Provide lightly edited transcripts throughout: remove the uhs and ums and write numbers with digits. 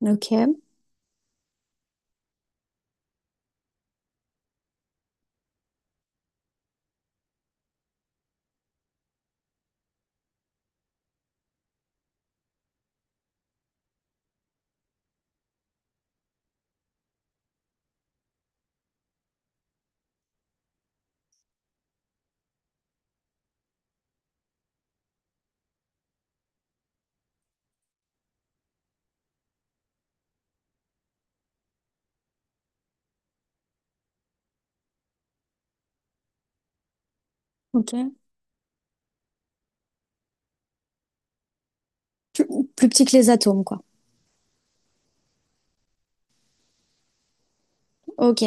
Ok, ok. Plus, plus petit que les atomes, quoi. Ok,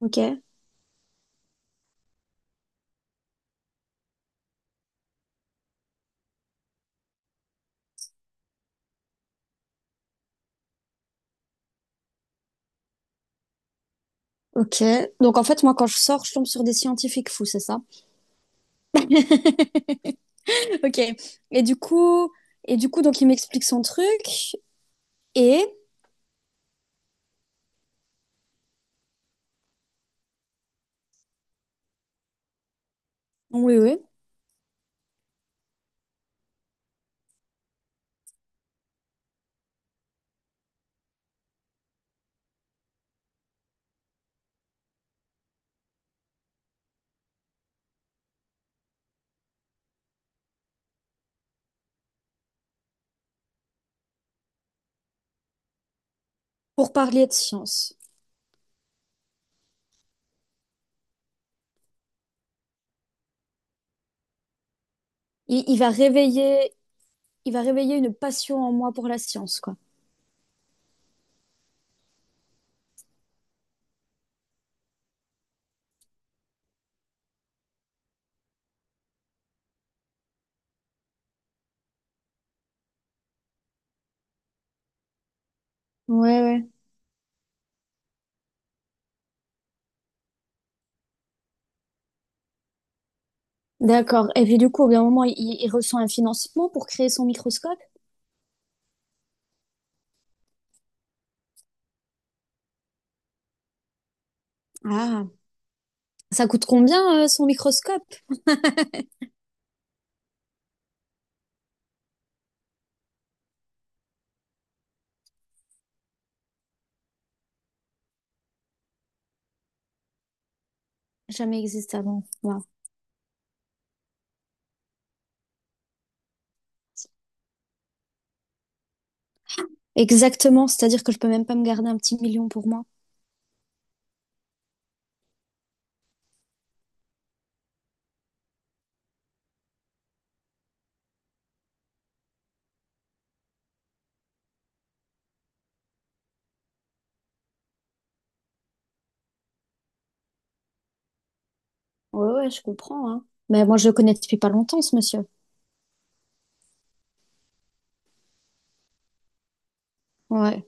ok, ok. Donc en fait, moi, quand je sors, je tombe sur des scientifiques fous, c'est ça? Ok. Et du coup, et du coup, donc il m'explique son truc et oui, oui, pour parler de science. Il va réveiller, il va réveiller une passion en moi pour la science, quoi. Ouais, ouais, d'accord. Et puis du coup, au bout d'un moment, il reçoit un financement pour créer son microscope. Ah, ça coûte combien son microscope? Jamais existé avant. Waouh. Exactement, c'est-à-dire que je peux même pas me garder un petit million pour moi. Ouais, ouais, je comprends, hein. Mais moi, je le connais depuis pas longtemps, ce monsieur. Ouais.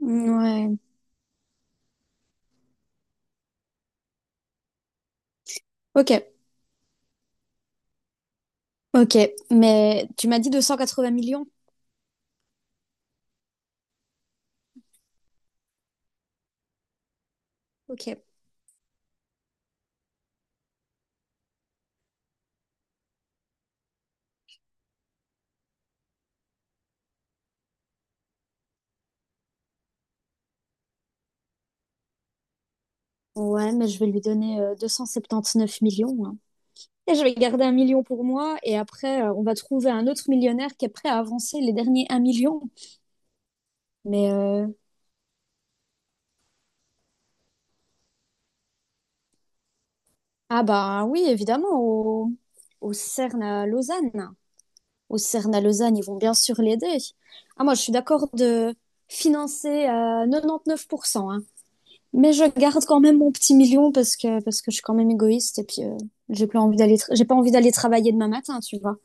Ouais. Ok. Ok. Mais tu m'as dit 280 millions? Ok. Ouais, mais je vais lui donner 279 millions, hein. Et je vais garder un million pour moi, et après, on va trouver un autre millionnaire qui est prêt à avancer les derniers un million. Mais, ah bah oui, évidemment, au CERN à Lausanne. Au CERN à Lausanne, ils vont bien sûr l'aider. Ah, moi, je suis d'accord de financer à 99%, hein. Mais je garde quand même mon petit million parce que je suis quand même égoïste et puis j'ai pas envie d'aller travailler demain matin, tu vois.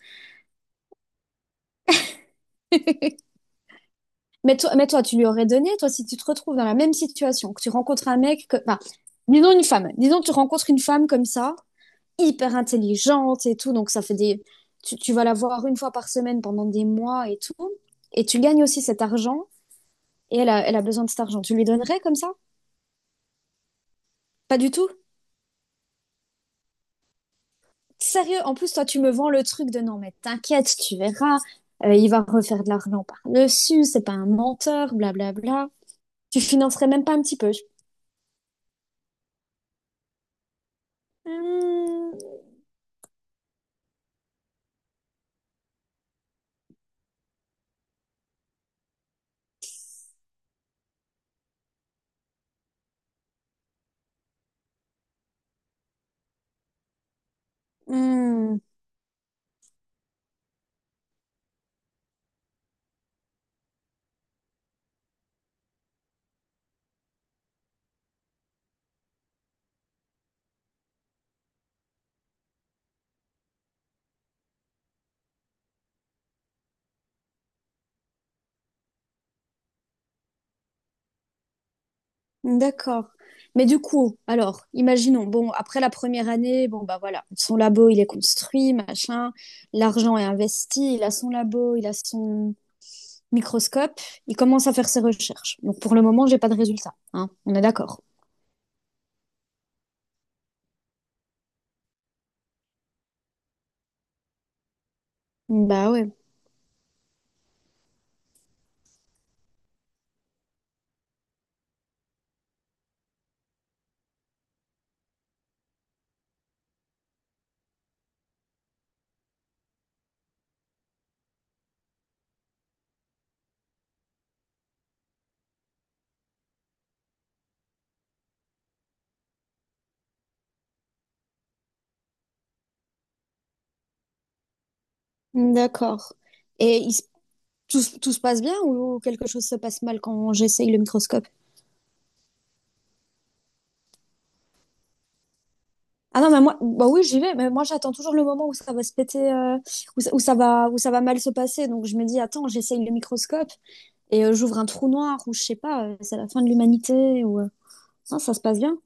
Mais toi, tu lui aurais donné, toi, si tu te retrouves dans la même situation, que tu rencontres un mec, que, enfin, disons une femme, disons que tu rencontres une femme comme ça, hyper intelligente et tout, donc ça fait des... Tu vas la voir une fois par semaine pendant des mois et tout, et tu gagnes aussi cet argent. Et elle a besoin de cet argent. Tu lui donnerais comme ça? Pas du tout? Sérieux, en plus, toi, tu me vends le truc de non, mais t'inquiète, tu verras, il va refaire de l'argent par-dessus, c'est pas un menteur, blablabla. Tu financerais même pas un petit peu? Hmm, hmm, d'accord. Mais du coup, alors, imaginons, bon, après la première année, bon, bah voilà, son labo, il est construit, machin, l'argent est investi, il a son labo, il a son microscope, il commence à faire ses recherches. Donc pour le moment, j'ai pas de résultat, hein, on est d'accord. Bah ouais, d'accord. Et tout, tout se passe bien ou quelque chose se passe mal quand j'essaye le microscope? Ah non, mais moi, bah oui, j'y vais, mais moi j'attends toujours le moment où ça va se péter, où ça va mal se passer. Donc je me dis, attends, j'essaye le microscope et j'ouvre un trou noir ou je sais pas, c'est la fin de l'humanité ou. Non, ça se passe bien.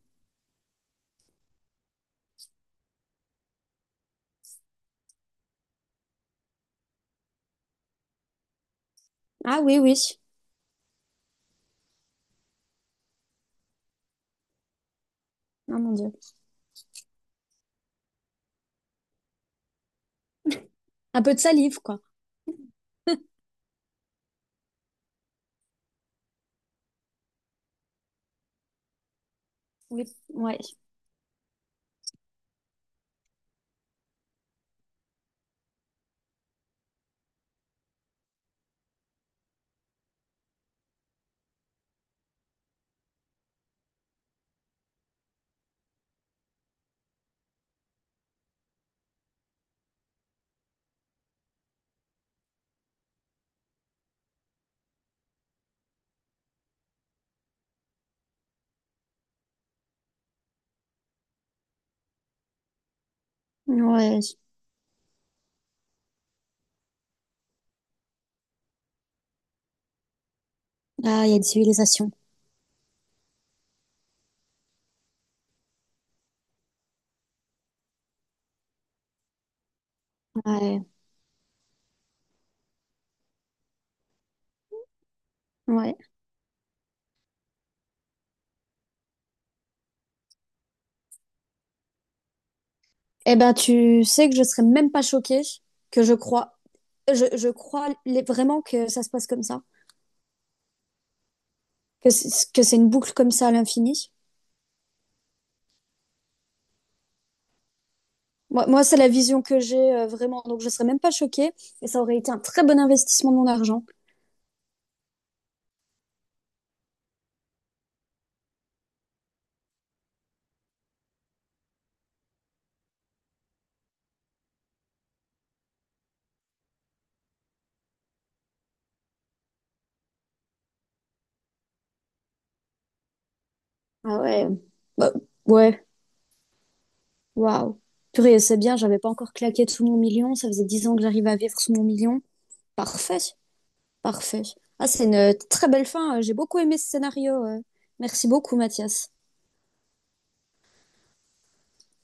Ah oui, oui. Ah mon Dieu. Un peu de salive, quoi. Oui, ouais. Ouais. Ah, il y a des civilisations. Ouais. Ouais. Eh ben, tu sais que je serais même pas choquée que je crois. Je crois vraiment que ça se passe comme ça, que c'est une boucle comme ça à l'infini. Moi, c'est la vision que j'ai vraiment, donc je serais même pas choquée et ça aurait été un très bon investissement de mon argent. Ah ouais. Bah, ouais, waouh. Purée, c'est bien, j'avais pas encore claqué sous mon million, ça faisait 10 ans que j'arrivais à vivre sous mon million. Parfait, parfait. Ah, c'est une très belle fin, j'ai beaucoup aimé ce scénario. Merci beaucoup, Mathias.